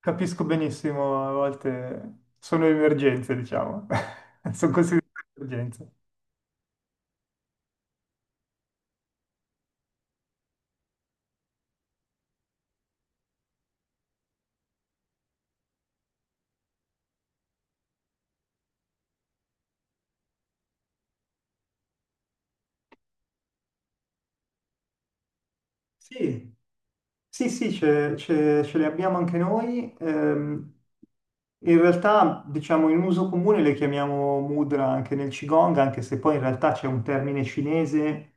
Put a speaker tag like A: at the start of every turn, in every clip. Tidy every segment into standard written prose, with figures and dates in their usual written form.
A: Capisco benissimo, a volte sono emergenze, diciamo, sono considerate emergenze. Sì, sì, sì, ce le abbiamo anche noi. In realtà, diciamo, in uso comune le chiamiamo mudra anche nel Qigong, anche se poi in realtà c'è un termine cinese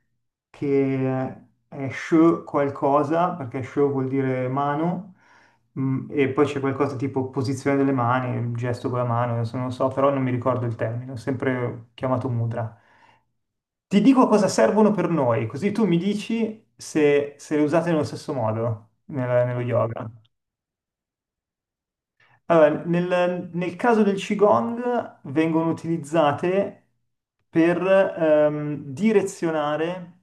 A: che è she qualcosa, perché she vuol dire mano, mm, e poi c'è qualcosa tipo posizione delle mani, il gesto con la mano, adesso non lo so, però non mi ricordo il termine, ho sempre chiamato mudra. Ti dico cosa servono per noi, così tu mi dici se, se le usate nello stesso modo nello yoga. Allora, nel caso del Qigong vengono utilizzate per direzionare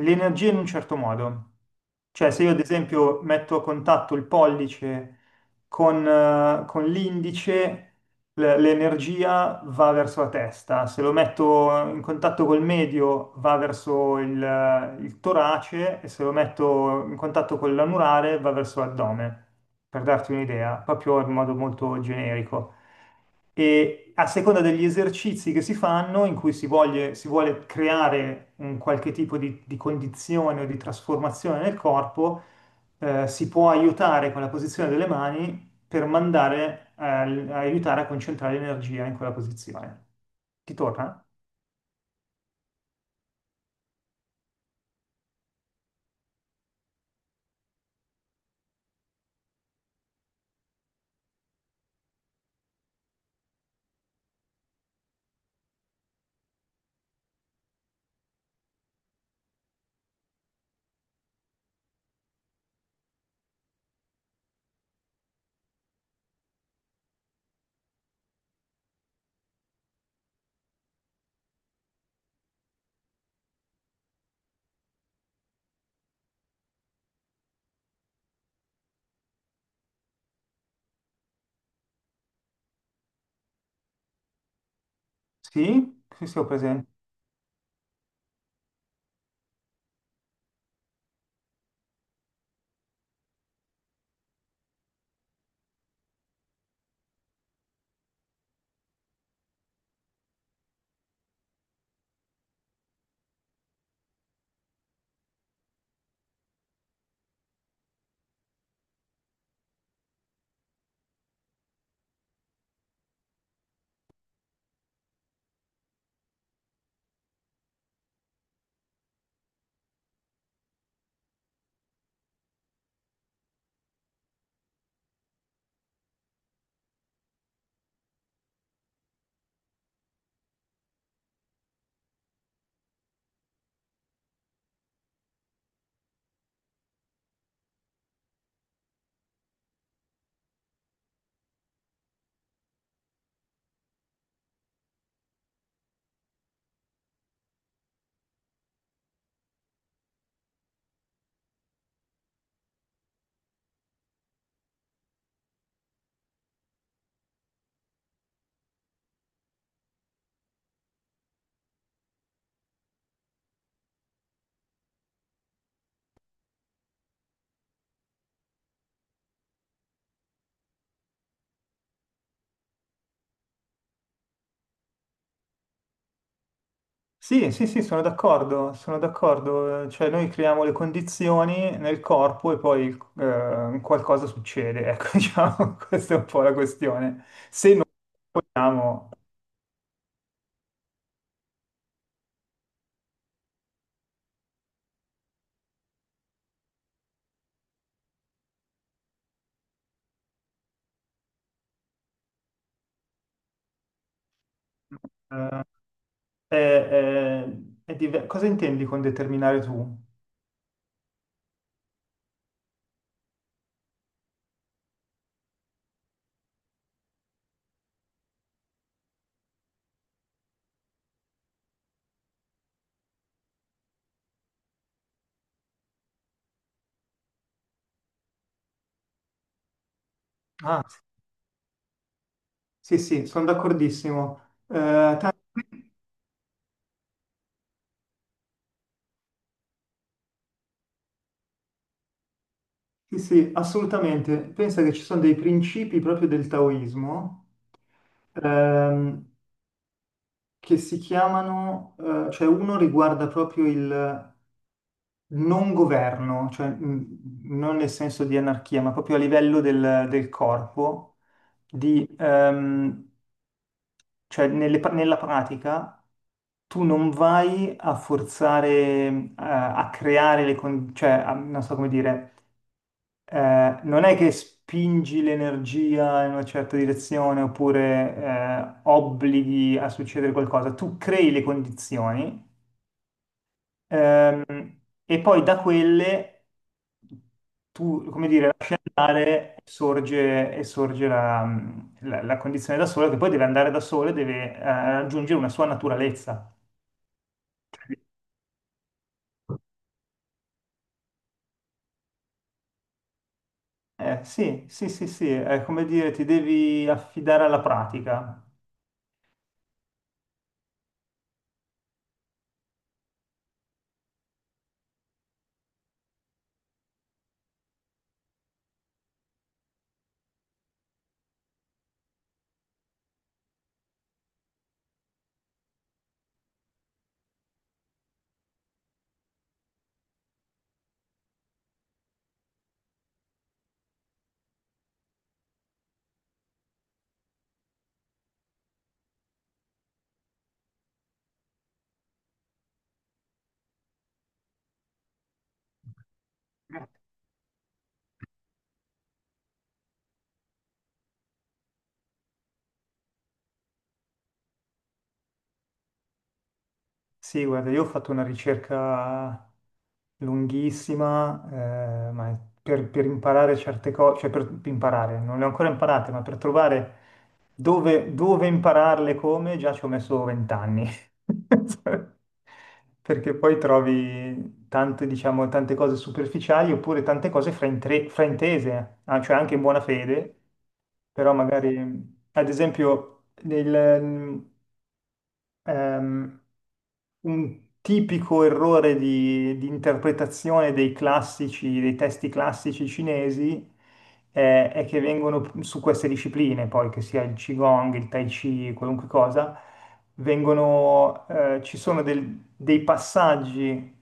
A: l'energia in un certo modo. Cioè, se io ad esempio metto a contatto il pollice con l'indice, l'energia va verso la testa, se lo metto in contatto col medio va verso il torace e se lo metto in contatto con l'anulare va verso l'addome, per darti un'idea, proprio in modo molto generico e a seconda degli esercizi che si fanno, in cui si vuole creare un qualche tipo di condizione o di trasformazione nel corpo, si può aiutare con la posizione delle mani per mandare, aiutare a concentrare l'energia in quella posizione. Ti torna? Sì? Sì, sì, ho presente. Sì, sì, sì, sono d'accordo, cioè noi creiamo le condizioni nel corpo e poi qualcosa succede, ecco, diciamo, questa è un po' la questione. Se non vogliamo, eh, è- è- cosa intendi con determinare tu? Ah, sì, sì, sono d'accordissimo. Eh, sì, sì, assolutamente. Pensa che ci sono dei principi proprio del taoismo, ehm, che si chiamano, cioè uno riguarda proprio il non governo, cioè non nel senso di anarchia, ma proprio a livello del corpo, di, cioè nella pratica tu non vai a forzare, a creare le condizioni, non so come dire, non è che spingi l'energia in una certa direzione oppure obblighi a succedere qualcosa, tu crei le condizioni. E poi da quelle tu, come dire, lasci andare e sorge la condizione da sola, che poi deve andare da sola e deve raggiungere una sua naturalezza. Sì, sì, sì, sì, è come dire, ti devi affidare alla pratica. Sì, guarda, io ho fatto una ricerca lunghissima, per imparare certe cose, cioè per imparare, non le ho ancora imparate, ma per trovare dove, dove impararle, come, già ci ho messo vent'anni. Perché poi trovi tante, diciamo, tante cose superficiali oppure tante cose fraintese, ah, cioè anche in buona fede, però magari, ad esempio, ehm, un tipico errore di interpretazione dei classici, dei testi classici cinesi, è che vengono su queste discipline, poi che sia il Qigong, il Tai Chi, qualunque cosa, vengono, ci sono dei passaggi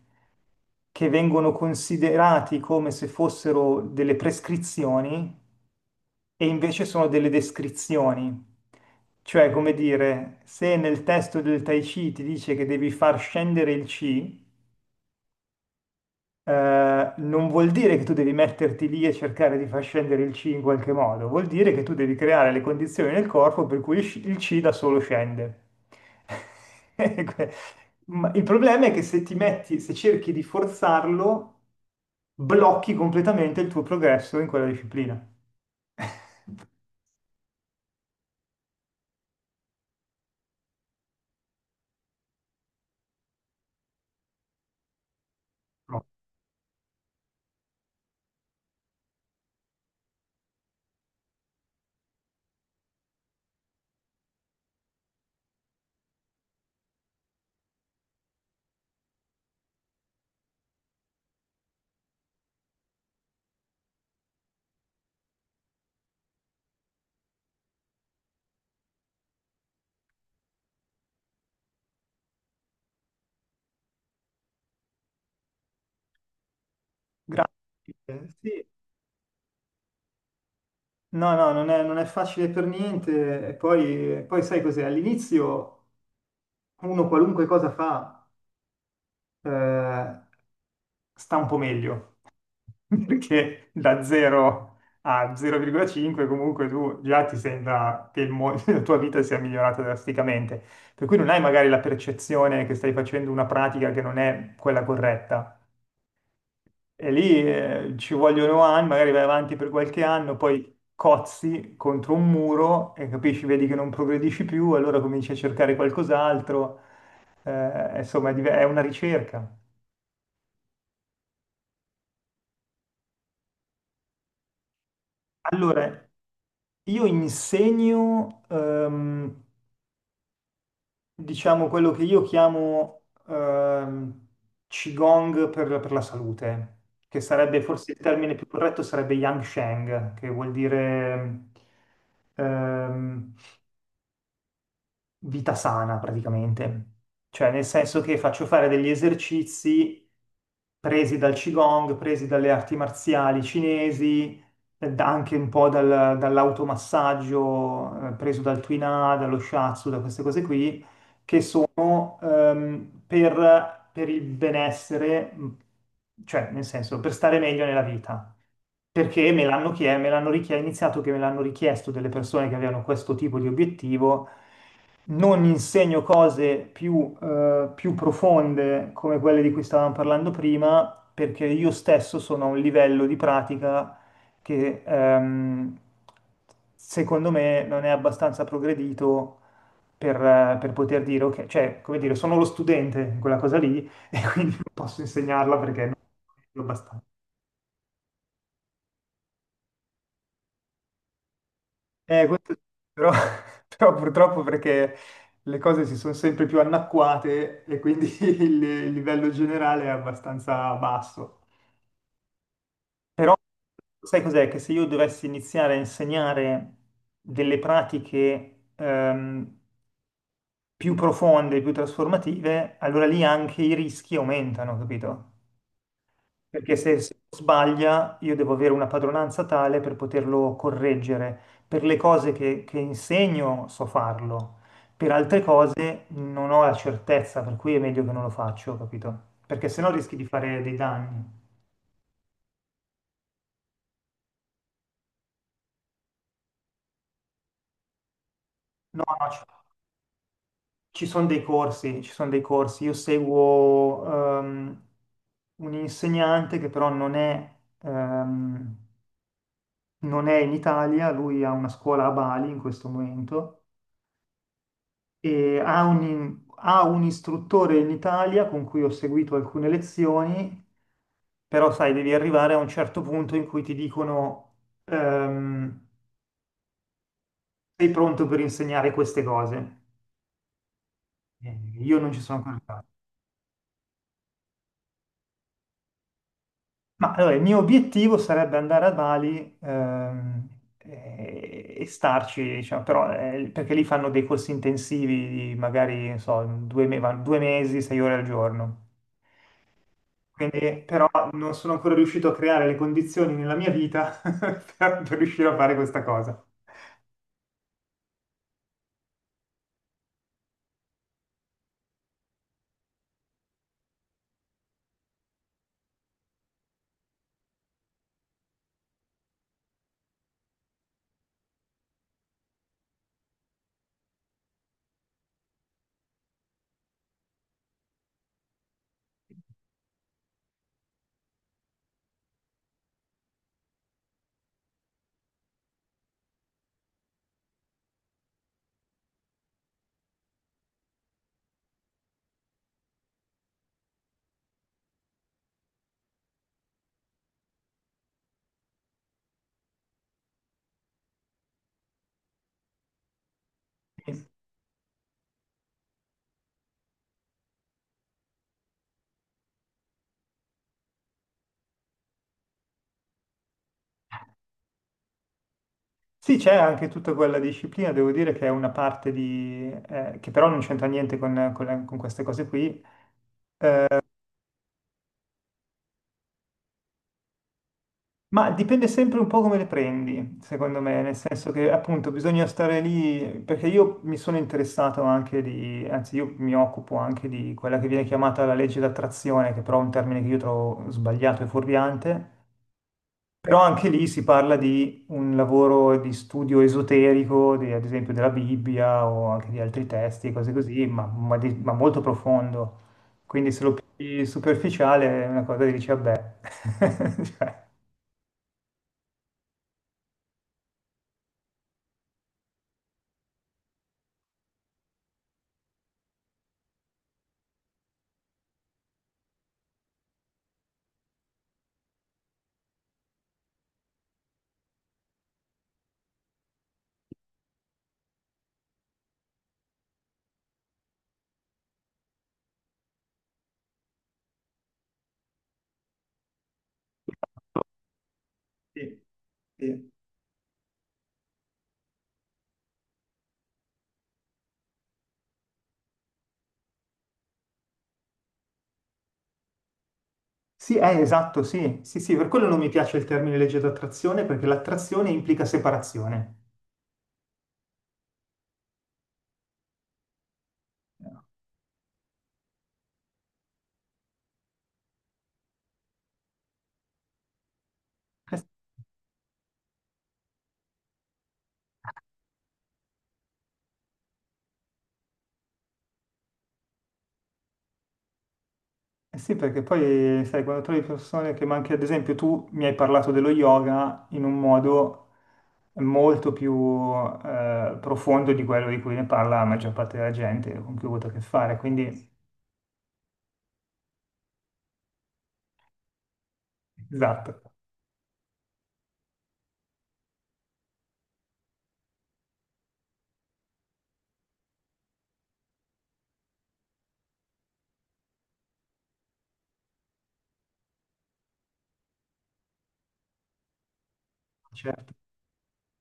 A: che vengono considerati come se fossero delle prescrizioni e invece sono delle descrizioni. Cioè, come dire, se nel testo del Tai Chi ti dice che devi far scendere il Qi, non vuol dire che tu devi metterti lì e cercare di far scendere il C in qualche modo, vuol dire che tu devi creare le condizioni nel corpo per cui il C da solo scende. Ma il problema è che se ti metti, se cerchi di forzarlo, blocchi completamente il tuo progresso in quella disciplina. No. Grazie. Sì. No, no, non è, non è facile per niente. E poi, poi sai cos'è? All'inizio uno qualunque cosa fa, eh, sta un po' meglio, perché da 0 a 0,5 comunque tu già ti sembra che la tua vita sia migliorata drasticamente, per cui non hai magari la percezione che stai facendo una pratica che non è quella corretta. E lì ci vogliono anni, magari vai avanti per qualche anno, poi cozzi contro un muro e capisci, vedi che non progredisci più, allora cominci a cercare qualcos'altro. Insomma, è una ricerca. Allora, io insegno, diciamo, quello che io chiamo Qigong per la salute, che sarebbe forse il termine più corretto, sarebbe Yang Sheng, che vuol dire ehm, vita sana praticamente, cioè nel senso che faccio fare degli esercizi presi dal Qigong, presi dalle arti marziali cinesi, anche un po' dall'automassaggio, preso dal Tuina, dallo Shiatsu, da queste cose qui, che sono per il benessere, cioè nel senso per stare meglio nella vita, perché me l'hanno chie- me l'hanno richie- è iniziato che me l'hanno richiesto delle persone che avevano questo tipo di obiettivo. Non insegno cose più, più profonde come quelle di cui stavamo parlando prima, perché io stesso sono a un livello di pratica che secondo me non è abbastanza progredito per poter dire, ok, cioè, come dire, sono lo studente in quella cosa lì e quindi non posso insegnarla perché non ho abbastanza. Eh, questo- Però, però purtroppo perché le cose si sono sempre più annacquate e quindi il livello generale è abbastanza basso. Però sai cos'è? Che se io dovessi iniziare a insegnare delle pratiche più profonde, più trasformative, allora lì anche i rischi aumentano, capito? Perché se, se sbaglia io devo avere una padronanza tale per poterlo correggere. Per le cose che insegno so farlo, per altre cose non ho la certezza, per cui è meglio che non lo faccio, capito? Perché sennò rischi di fare dei danni. No, no, ci sono dei corsi, ci sono dei corsi. Io seguo ehm, un insegnante che però non è, ehm, non è in Italia, lui ha una scuola a Bali in questo momento e ha un istruttore in Italia con cui ho seguito alcune lezioni, però sai, devi arrivare a un certo punto in cui ti dicono ehm, sei pronto per insegnare queste cose. Io non ci sono ancora arrivato. Ma allora, il mio obiettivo sarebbe andare a Bali, e starci, diciamo, però, perché lì fanno dei corsi intensivi, di magari, non so, due mesi, sei ore al giorno. Quindi, però non sono ancora riuscito a creare le condizioni nella mia vita per riuscire a fare questa cosa. Sì, c'è anche tutta quella disciplina, devo dire che è una parte di, che però non c'entra niente con, con queste cose qui, ma dipende sempre un po' come le prendi, secondo me, nel senso che appunto bisogna stare lì, perché io mi sono interessato anche di, anzi io mi occupo anche di quella che viene chiamata la legge d'attrazione, che però è un termine che io trovo sbagliato e fuorviante. Però anche lì si parla di un lavoro di studio esoterico, ad esempio della Bibbia o anche di altri testi e cose così, ma molto profondo. Quindi se lo pigli superficiale è una cosa che dici, vabbè. Cioè, sì, sì. Sì, esatto, sì, sì, sì, per quello non mi piace il termine legge d'attrazione, perché l'attrazione implica separazione. Eh sì, perché poi, sai, quando trovi persone che, ma anche ad esempio tu mi hai parlato dello yoga in un modo molto più profondo di quello di cui ne parla la maggior parte della gente con cui ho avuto a che fare, quindi esatto, certo.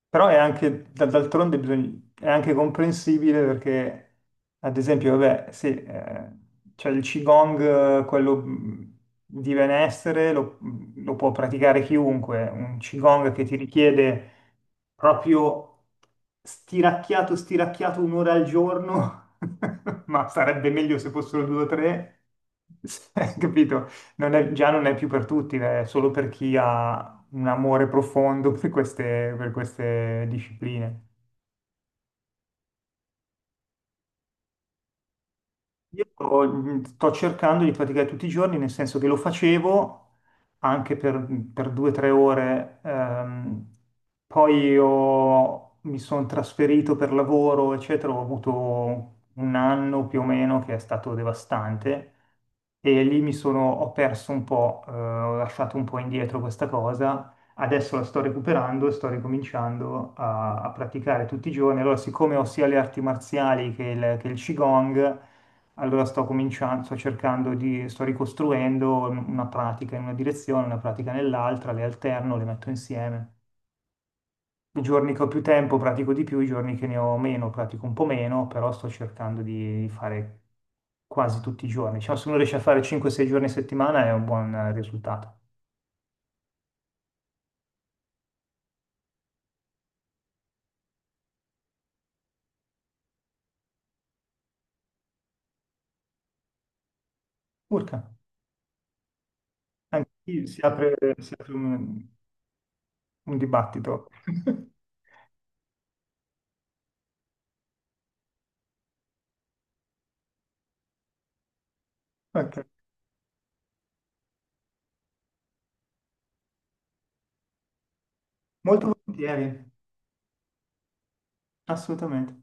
A: Però è anche, d'altronde è anche comprensibile perché, ad esempio, vabbè, sì, c'è il Qigong, quello di benessere, lo, mhmm, lo può praticare chiunque, un Qigong che ti richiede proprio stiracchiato, stiracchiato un'ora al giorno, ma sarebbe meglio se fossero due o tre, capito? Non è- Già non è più per tutti, è solo per chi ha un amore profondo per queste discipline. Io sto cercando di praticare tutti i giorni, nel senso che lo facevo anche per due o tre ore, poi mi sono trasferito per lavoro, eccetera, ho avuto un anno più o meno che è stato devastante e lì mi sono, ho perso un po', ho lasciato un po' indietro questa cosa, adesso la sto recuperando e sto ricominciando a, a praticare tutti i giorni, allora siccome ho sia le arti marziali che il Qigong, allora sto cominciando, sto cercando di, sto ricostruendo una pratica in una direzione, una pratica nell'altra, le alterno, le metto insieme. I giorni che ho più tempo pratico di più, i giorni che ne ho meno pratico un po' meno, però sto cercando di fare quasi tutti i giorni. Diciamo, se uno riesce a fare 5-6 giorni a settimana è un buon risultato. Urca, anche qui si apre un dibattito. Ok, molto volentieri, assolutamente.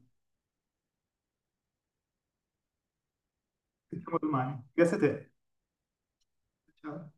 A: Ci vediamo domani. Grazie a te. Ciao.